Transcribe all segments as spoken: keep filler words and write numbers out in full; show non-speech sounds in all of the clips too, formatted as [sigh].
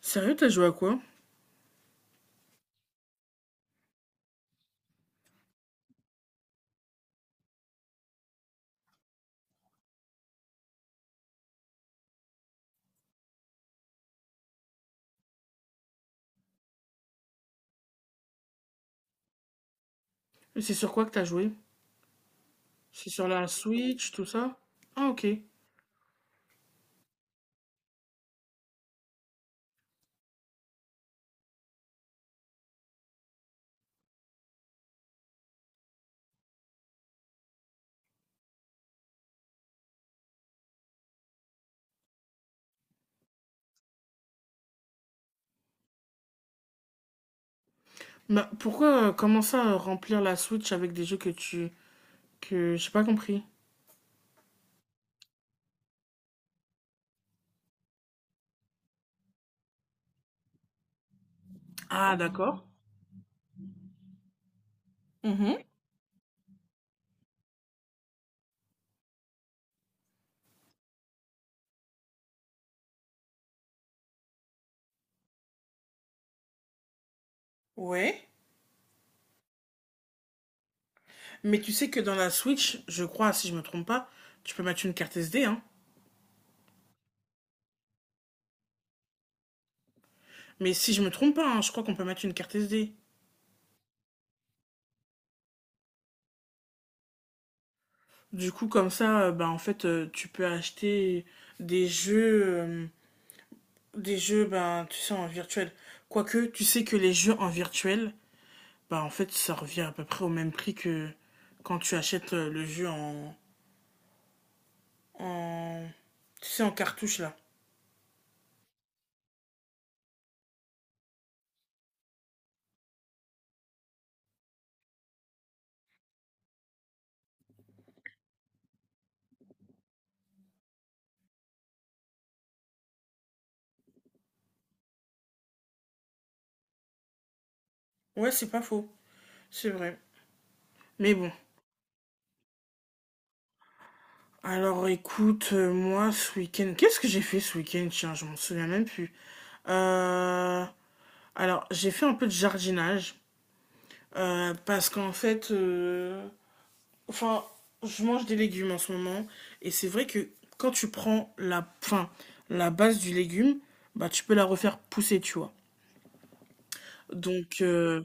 Sérieux, t'as joué à quoi? Et c'est sur quoi que t'as joué? C'est sur la Switch, tout ça? Ah, ok. Bah, pourquoi euh, comment ça euh, remplir la Switch avec des jeux que tu... que j'ai pas compris. Ah, d'accord. Mhm. Ouais. Mais tu sais que dans la Switch, je crois, si je me trompe pas, tu peux mettre une carte S D, hein. Mais si je me trompe pas, hein, je crois qu'on peut mettre une carte S D. Du coup, comme ça, euh, bah, en fait, euh, tu peux acheter des jeux... euh, des jeux, ben, tu sais, en virtuel. Quoique, tu sais que les jeux en virtuel, bah, en fait, ça revient à peu près au même prix que quand tu achètes euh, le jeu en, en... Tu sais, en cartouche, là. Ouais, c'est pas faux. C'est vrai. Mais bon. Alors, écoute, euh, moi, ce week-end... Qu'est-ce que j'ai fait ce week-end? Tiens, je m'en souviens même plus. Euh... Alors, j'ai fait un peu de jardinage. euh, parce qu'en fait... euh, Enfin, je mange des légumes en ce moment. Et c'est vrai que quand tu prends la... Enfin, la base du légume, bah, tu peux la refaire pousser, tu vois. Donc, euh,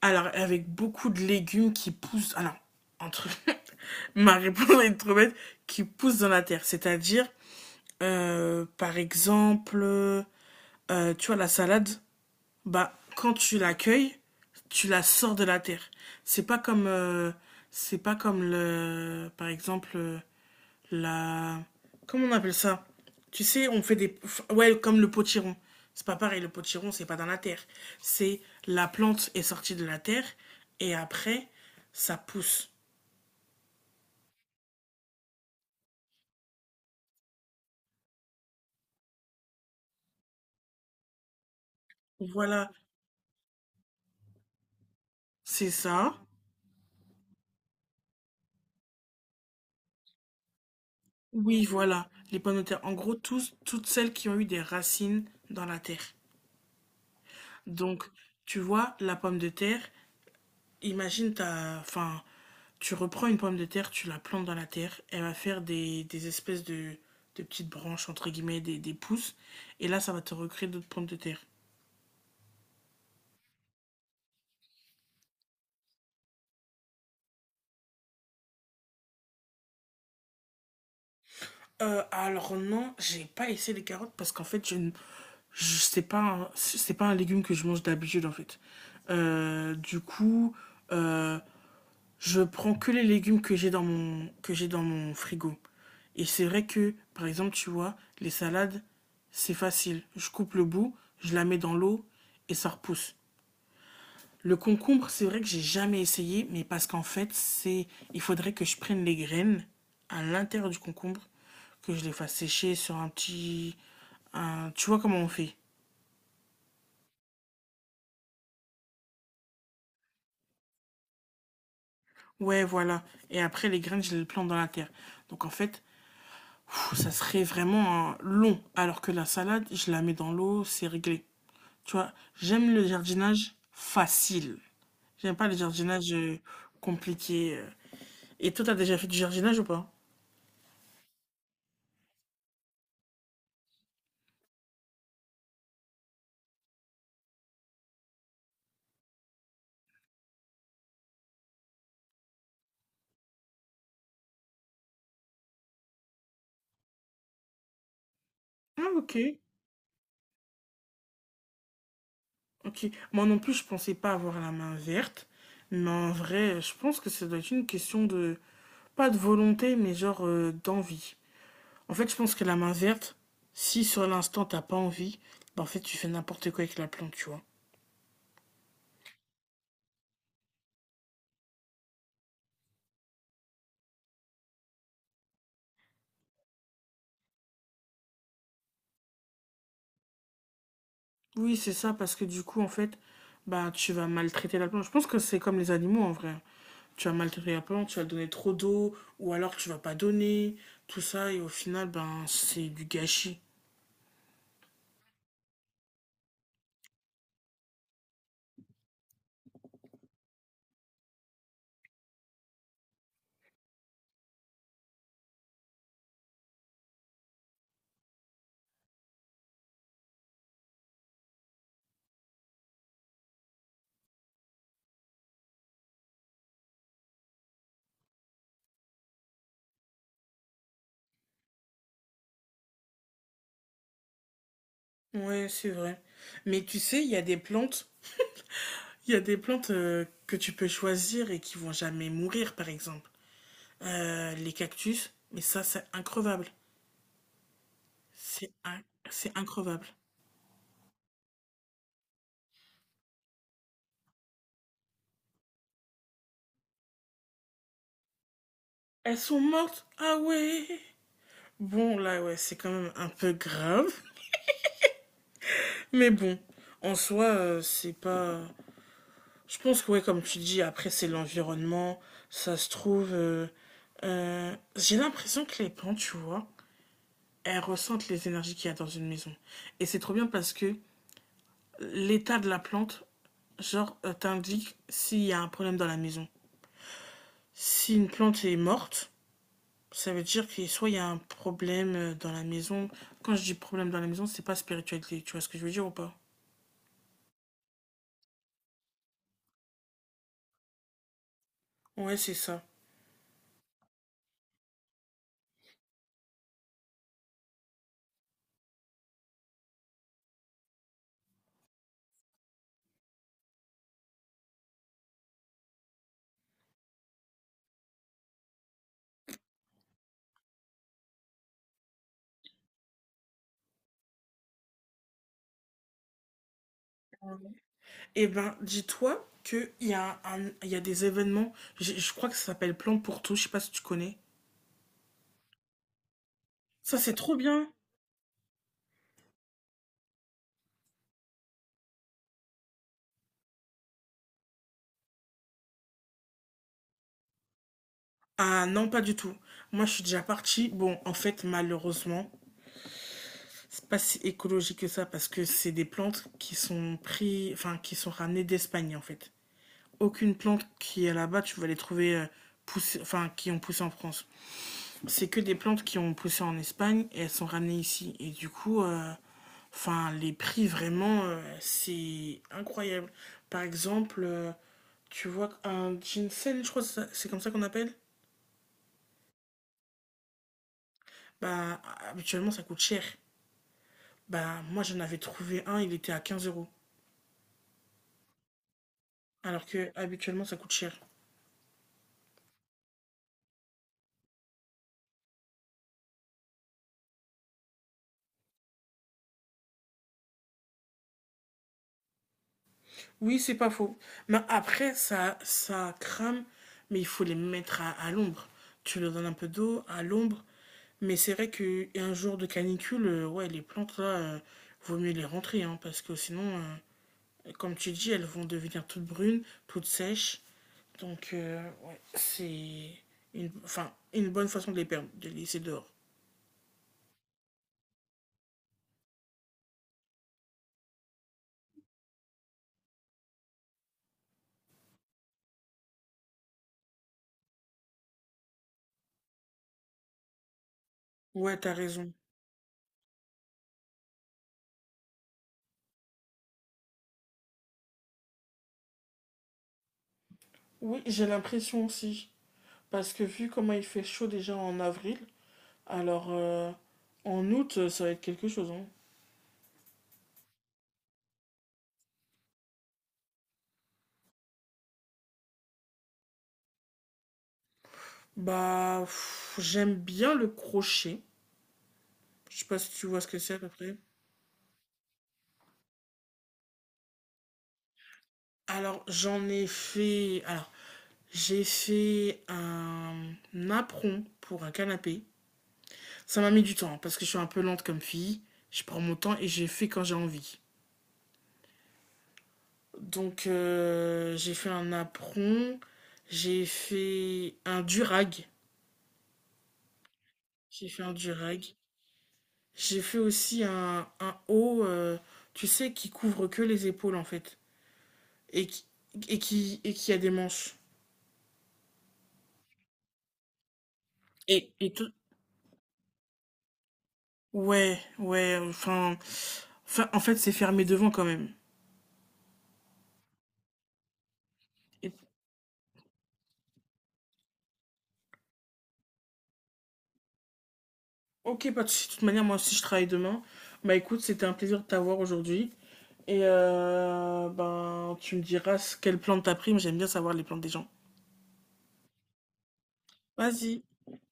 alors, avec beaucoup de légumes qui poussent. Alors, entre. [laughs] Ma réponse est trop bête, qui poussent dans la terre. C'est-à-dire, euh, par exemple, euh, tu vois, la salade, bah, quand tu l'accueilles, tu la sors de la terre. C'est pas comme. euh, c'est pas comme le. Par exemple, euh, la... Comment on appelle ça? Tu sais, on fait des... Ouais, comme le potiron. C'est pas pareil, le potiron, c'est pas dans la terre. C'est la plante est sortie de la terre et après, ça pousse. Voilà, c'est ça. Oui, voilà, les pommes de terre. En gros, tous, toutes celles qui ont eu des racines dans la terre. Donc, tu vois, la pomme de terre, imagine, t'as, enfin, tu reprends une pomme de terre, tu la plantes dans la terre, elle va faire des, des espèces de, de petites branches, entre guillemets, des, des pousses, et là, ça va te recréer d'autres pommes de terre. Euh, alors non, j'ai pas essayé les carottes parce qu'en fait, je ne je- sais pas c'est pas un légume que je mange d'habitude en fait. Euh, du coup, euh, je prends que les légumes que j'ai dans mon que j'ai dans mon frigo. Et c'est vrai que, par exemple, tu vois, les salades, c'est facile. Je coupe le bout, je la mets dans l'eau et ça repousse. Le concombre, c'est vrai que j'ai jamais essayé, mais parce qu'en fait, c'est, il faudrait que je prenne les graines à l'intérieur du concombre, que je les fasse sécher sur un petit, un- tu vois comment on fait. Ouais, voilà. Et après, les graines, je les plante dans la terre. Donc en fait, pff, ça serait vraiment un long. Alors que la salade, je la mets dans l'eau, c'est réglé. Tu vois, j'aime le jardinage facile. J'aime pas le jardinage, heu, compliqué, heu et toi, t'as déjà fait du jardinage ou pas? Ah OK, OK. Moi non plus, je pensais pas avoir la main verte, mais en vrai, je pense que ça doit être une question de pas de volonté, mais genre, heu, d'envie. En fait, je pense que la main verte, si sur l'instant t'as pas envie, bah, en fait, tu fais n'importe quoi avec la plante, tu vois? Oui, c'est ça, parce que du coup, en fait, bah, tu vas maltraiter la plante. Je pense que c'est comme les animaux, en vrai. Tu vas maltraiter la plante, tu vas donner trop d'eau, ou alors tu vas pas donner, tout ça, et au final, ben, c'est du gâchis. Ouais, c'est vrai. Mais tu sais, il y a des plantes, [laughs] il y a des plantes euh, que tu peux choisir et qui vont jamais mourir, par exemple. Euh, les cactus, mais ça, c'est increvable. C'est in- c'est increvable. Elles sont mortes? Ah ouais! Bon, là, ouais, c'est quand même un peu grave. Mais bon, en soi, euh, c'est pas. Je pense que, ouais, comme tu dis, après, c'est l'environnement. Ça se trouve. euh, euh, J'ai l'impression que les plantes, tu vois, elles ressentent les énergies qu'il y a dans une maison. Et c'est trop bien parce que l'état de la plante, genre, euh, t'indique s'il y a un problème dans la maison. Si une plante est morte, ça veut dire que soit il y a un problème euh, dans la maison. Quand je dis problème dans la maison, c'est pas spiritualité. Tu vois ce que je veux dire ou pas? Ouais, c'est ça. Eh ben, dis-toi qu'il y a un, il y a des événements, j'ai- je crois que ça s'appelle Plan pour tout, je sais pas si tu connais. Ça, c'est trop bien. Ah non, pas du tout. Moi, je suis déjà partie. Bon, en fait, malheureusement, c'est pas si écologique que ça parce que c'est des plantes qui sont pris, enfin, qui sont ramenées d'Espagne, en fait. Aucune plante qui est là-bas, tu vas les trouver euh, poussées, enfin, qui ont poussé en France. C'est que des plantes qui ont poussé en Espagne et elles sont ramenées ici. Et du coup, euh, enfin, les prix, vraiment, euh, c'est incroyable. Par exemple, euh, tu vois, un ginseng, je crois que c'est comme ça qu'on appelle, bah, habituellement, ça coûte cher. Bah, moi, j'en avais trouvé un, il était à quinze euros. Alors que, habituellement, ça coûte cher. Oui, c'est pas faux. Mais après, ça, ça crame, mais il faut les mettre à, à l'ombre. Tu leur donnes un peu d'eau, à l'ombre. Mais c'est vrai qu'un jour de canicule, euh, ouais, les plantes, là, euh, vaut mieux les rentrer, hein, parce que sinon, euh, comme tu dis, elles vont devenir toutes brunes, toutes sèches. Donc, euh, ouais, c'est une, enfin, une bonne façon de les perdre, de les laisser dehors. Ouais, t'as raison. Oui, j'ai l'impression aussi. Parce que vu comment il fait chaud déjà en avril, alors euh, en août, ça va être quelque chose. Hein. Bah, pff, j'aime bien le crochet. Je sais pas si tu vois ce que c'est à peu près. Alors, j'en ai fait. Alors, j'ai fait un apron pour un canapé. Ça m'a mis du temps hein, parce que je suis un peu lente comme fille. Je prends mon temps et j'ai fait quand j'ai envie. Donc, euh, j'ai fait un apron, j'ai fait un durag. J'ai fait un durag. J'ai fait aussi un, un haut, euh, tu sais, qui couvre que les épaules en fait. Et qui, et qui, et qui a des manches. Et, et tout. Ouais, ouais, enfin. enfin, en fait, c'est fermé devant quand même. Et- ok, pas de souci. De toute manière, moi aussi, je travaille demain. Bah écoute, c'était un plaisir de t'avoir aujourd'hui. Et euh, ben, tu me diras ce- quelle plante t'as pris, mais j'aime bien savoir les plantes des gens. Vas-y,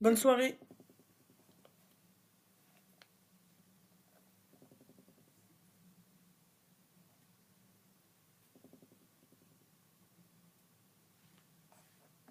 bonne soirée.